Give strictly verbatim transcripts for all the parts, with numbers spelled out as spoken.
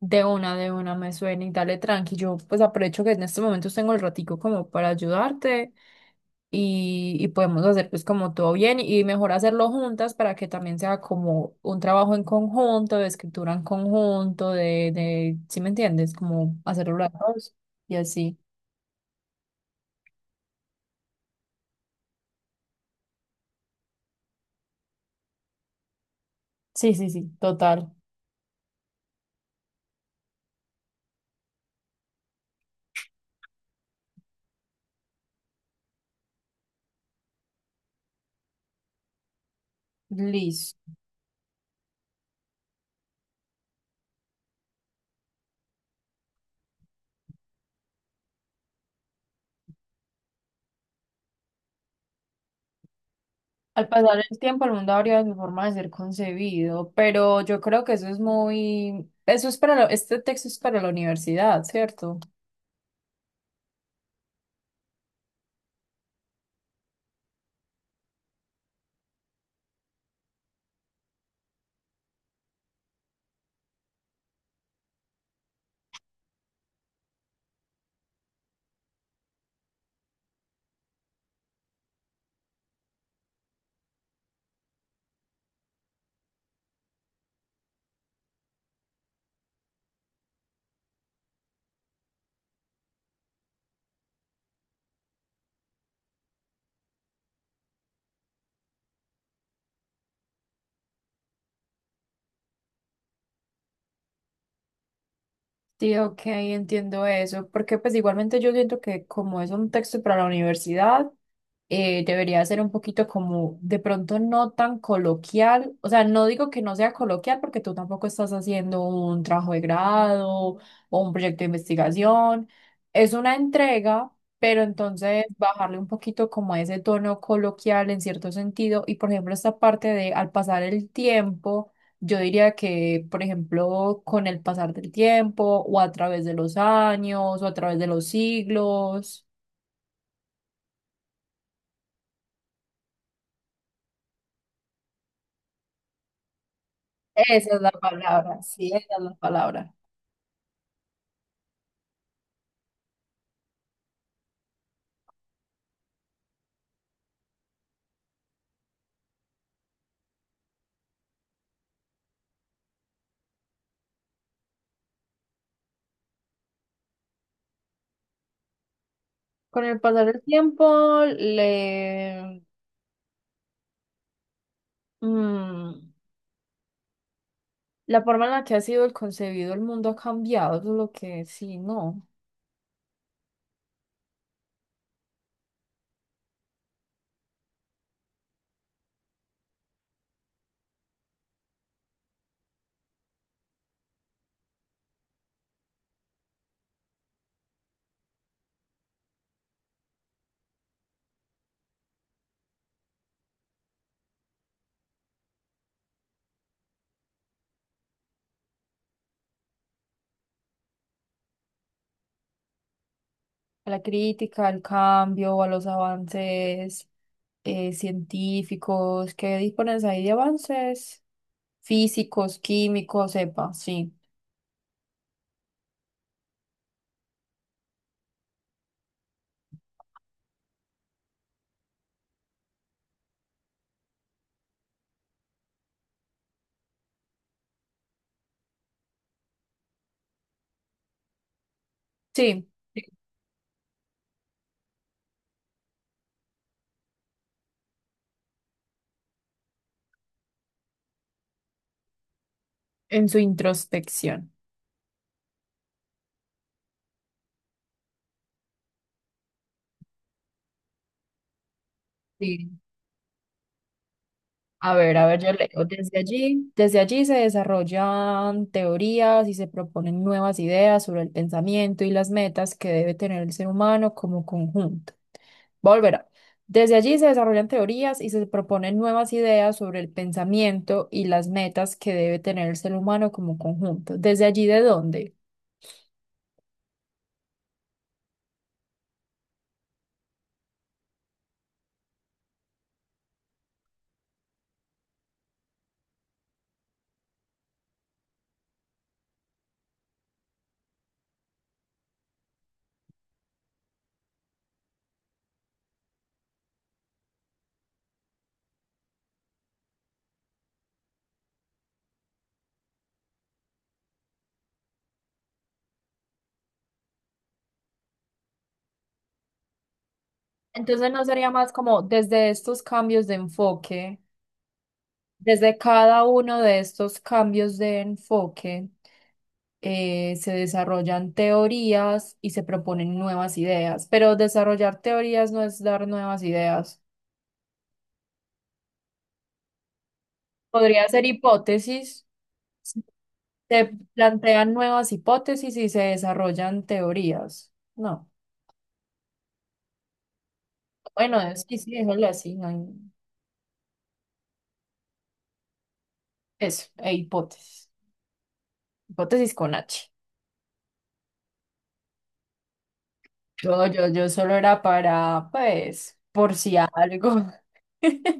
De una, de una, me suena y dale tranqui. Yo pues aprovecho que en estos momentos tengo el ratico como para ayudarte y, y podemos hacer pues como todo bien y mejor hacerlo juntas para que también sea como un trabajo en conjunto, de escritura en conjunto, de, de, ¿sí me entiendes? Como hacerlo las dos y así. Sí, sí, sí, total. Listo. Al pasar el tiempo, el mundo habría su forma de ser concebido, pero yo creo que eso es muy, eso es para, la- este texto es para la universidad, ¿cierto? Sí, ok, entiendo eso, porque pues igualmente yo siento que como es un texto para la universidad, eh, debería ser un poquito como de pronto no tan coloquial, o sea, no digo que no sea coloquial porque tú tampoco estás haciendo un trabajo de grado o un proyecto de investigación, es una entrega, pero entonces bajarle un poquito como a ese tono coloquial en cierto sentido y por ejemplo esta parte de al pasar el tiempo. Yo diría que, por ejemplo, con el pasar del tiempo o a través de los años o a través de los siglos. Esa es la palabra, sí, esa es la palabra. Con el pasar del tiempo, le, mm, la forma en la que ha sido el concebido el mundo ha cambiado, eso es lo que sí, no. A la crítica, al cambio, a los avances eh, científicos, que dispones ahí de avances físicos, químicos, sepa, sí. Sí, en su introspección. Sí. A ver, a ver, yo leo. Desde allí, desde allí se desarrollan teorías y se proponen nuevas ideas sobre el pensamiento y las metas que debe tener el ser humano como conjunto. Volverá. Desde allí se desarrollan teorías y se proponen nuevas ideas sobre el pensamiento y las metas que debe tener el ser humano como conjunto. ¿Desde allí de dónde? Entonces no sería más como desde estos cambios de enfoque, desde cada uno de estos cambios de enfoque. eh, se desarrollan teorías y se proponen nuevas ideas, pero desarrollar teorías no es dar nuevas ideas. Podría ser hipótesis, si se plantean nuevas hipótesis y se desarrollan teorías. No, bueno, es- sí, sí, déjalo así, no hay- eso, e hipótesis, hipótesis con H. Yo, yo, yo solo era para, pues, por si algo.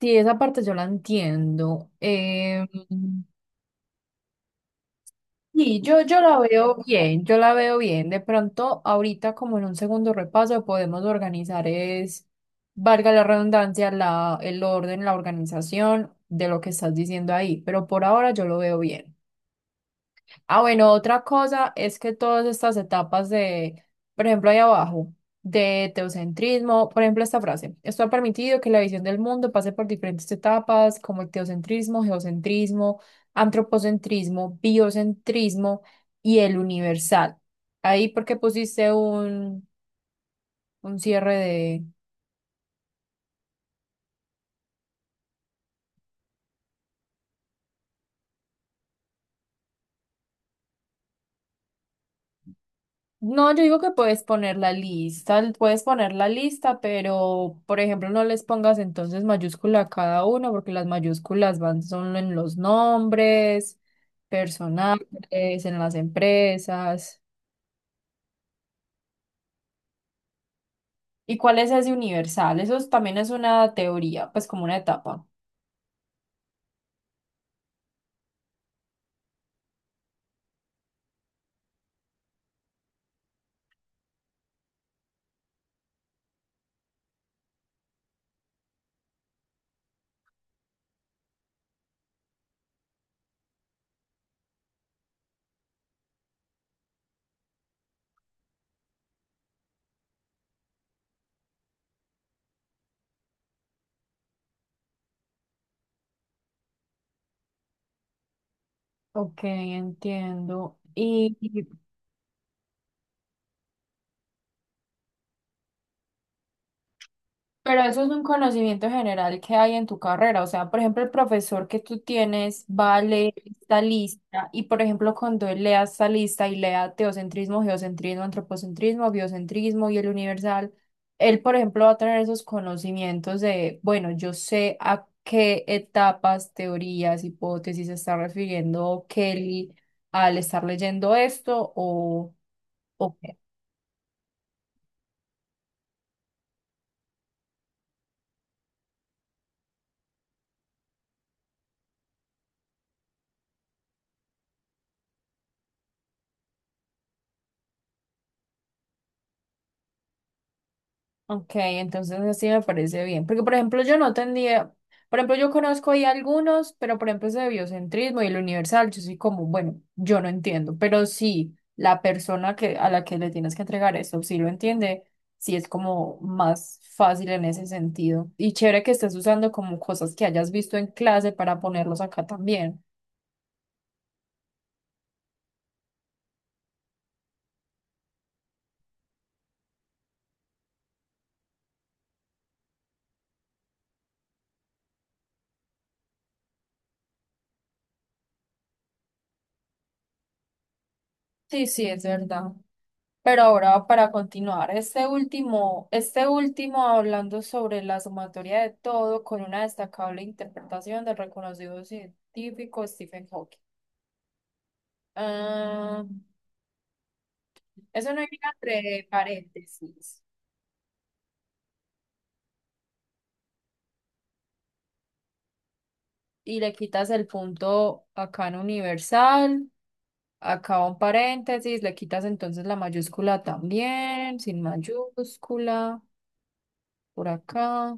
Sí, esa parte yo la entiendo. Eh, sí, yo, yo la veo bien, yo la veo bien. De pronto, ahorita como en un segundo repaso podemos organizar es, valga la redundancia, la, el orden, la organización de lo que estás diciendo ahí, pero por ahora yo lo veo bien. Ah, bueno, otra cosa es que todas estas etapas de, por ejemplo, ahí abajo, de teocentrismo, por ejemplo, esta frase, esto ha permitido que la visión del mundo pase por diferentes etapas como el teocentrismo, geocentrismo, antropocentrismo, biocentrismo y el universal. Ahí porque pusiste un, un cierre. No, yo digo que puedes poner la lista, l- puedes poner la lista, pero por ejemplo no les pongas entonces mayúscula a cada uno, porque las mayúsculas van solo en los nombres, personales, en las empresas. ¿Y cuál es ese universal? Eso es- también es una teoría, pues como una etapa. Ok, entiendo. Y. Pero eso es un conocimiento general que hay en tu carrera. O sea, por ejemplo, el profesor que tú tienes va a leer esta lista y, por ejemplo, cuando él lea esta lista y lea teocentrismo, geocentrismo, antropocentrismo, biocentrismo y el universal, él, por ejemplo, va a tener esos conocimientos de, bueno, yo sé a qué etapas, teorías, hipótesis se está refiriendo Kelly al estar leyendo esto o... o qué. Ok, entonces así me parece bien. Porque, por ejemplo, yo no tendría, por ejemplo, yo conozco ahí algunos, pero por ejemplo, ese de biocentrismo y el universal, yo soy como, bueno, yo no entiendo, pero sí, la persona que, a la que le tienes que entregar eso, sí lo entiende, sí es como más fácil en ese sentido. Y chévere que estés usando como cosas que hayas visto en clase para ponerlos acá también. Sí, sí, es verdad. Pero ahora para continuar, este último, este último hablando sobre la sumatoria de todo con una destacable interpretación del reconocido científico Stephen Hawking. Ah, eso no llega entre paréntesis. Y le quitas el punto acá en universal, acá un paréntesis, le quitas entonces la mayúscula también, sin mayúscula, por acá.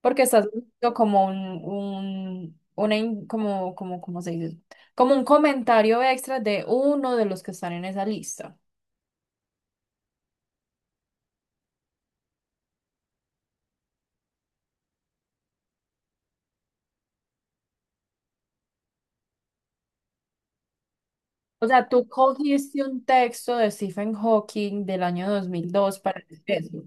Porque estás viendo como un, un, una in- como, como, ¿cómo se dice? Como un comentario extra de uno de los que están en esa lista. O sea, tú cogiste un texto de Stephen Hawking del año dos mil dos para eso.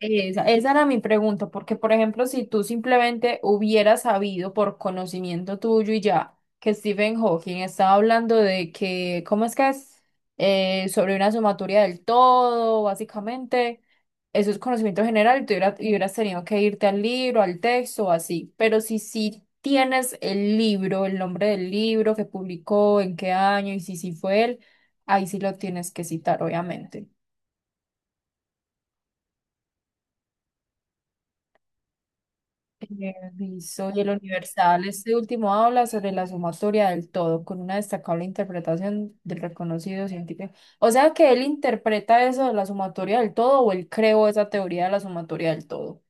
Esa, esa era mi pregunta, porque por ejemplo, si tú simplemente hubieras sabido por conocimiento tuyo y ya que Stephen Hawking estaba hablando de que, ¿cómo es que es? Eh, sobre una sumatoria del todo, básicamente, eso es conocimiento general y tú hubiera- y hubieras tenido que irte al libro, al texto o así, pero si sí tienes el libro, el nombre del libro que publicó, en qué año y si sí fue él, ahí sí lo tienes que citar, obviamente. Eh, Listo, y el Universal este último habla sobre la sumatoria del todo, con una destacable interpretación del reconocido científico. O sea que él interpreta eso de la sumatoria del todo, o él creó esa teoría de la sumatoria del todo.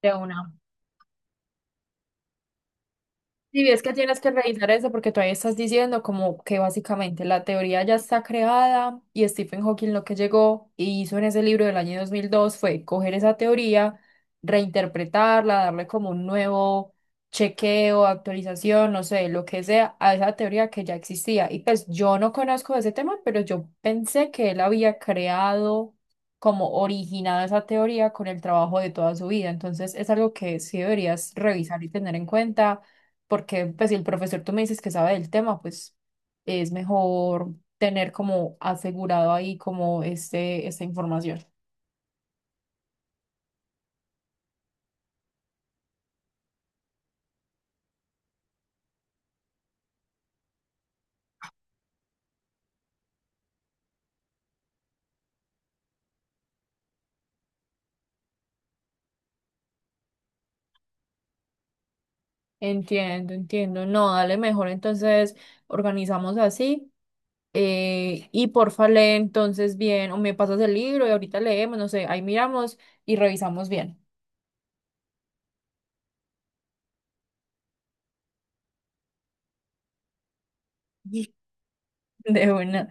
De una. Sí, es que tienes que revisar eso porque todavía estás diciendo como que básicamente la teoría ya está creada y Stephen Hawking lo que llegó y hizo en ese libro del año dos mil dos fue coger esa teoría, reinterpretarla, darle como un nuevo chequeo, actualización, no sé, lo que sea, a esa teoría que ya existía. Y pues yo no conozco ese tema, pero yo pensé que él había creado como originado esa teoría con el trabajo de toda su vida. Entonces es algo que sí deberías revisar y tener en cuenta porque pues si el profesor tú me dices que sabe del tema, pues es mejor tener como asegurado ahí como este, esta información. Entiendo, entiendo. No, dale mejor. Entonces, organizamos así. eh, y porfa, lee entonces bien, o me pasas el libro y ahorita leemos, no sé, ahí miramos y revisamos bien. De una.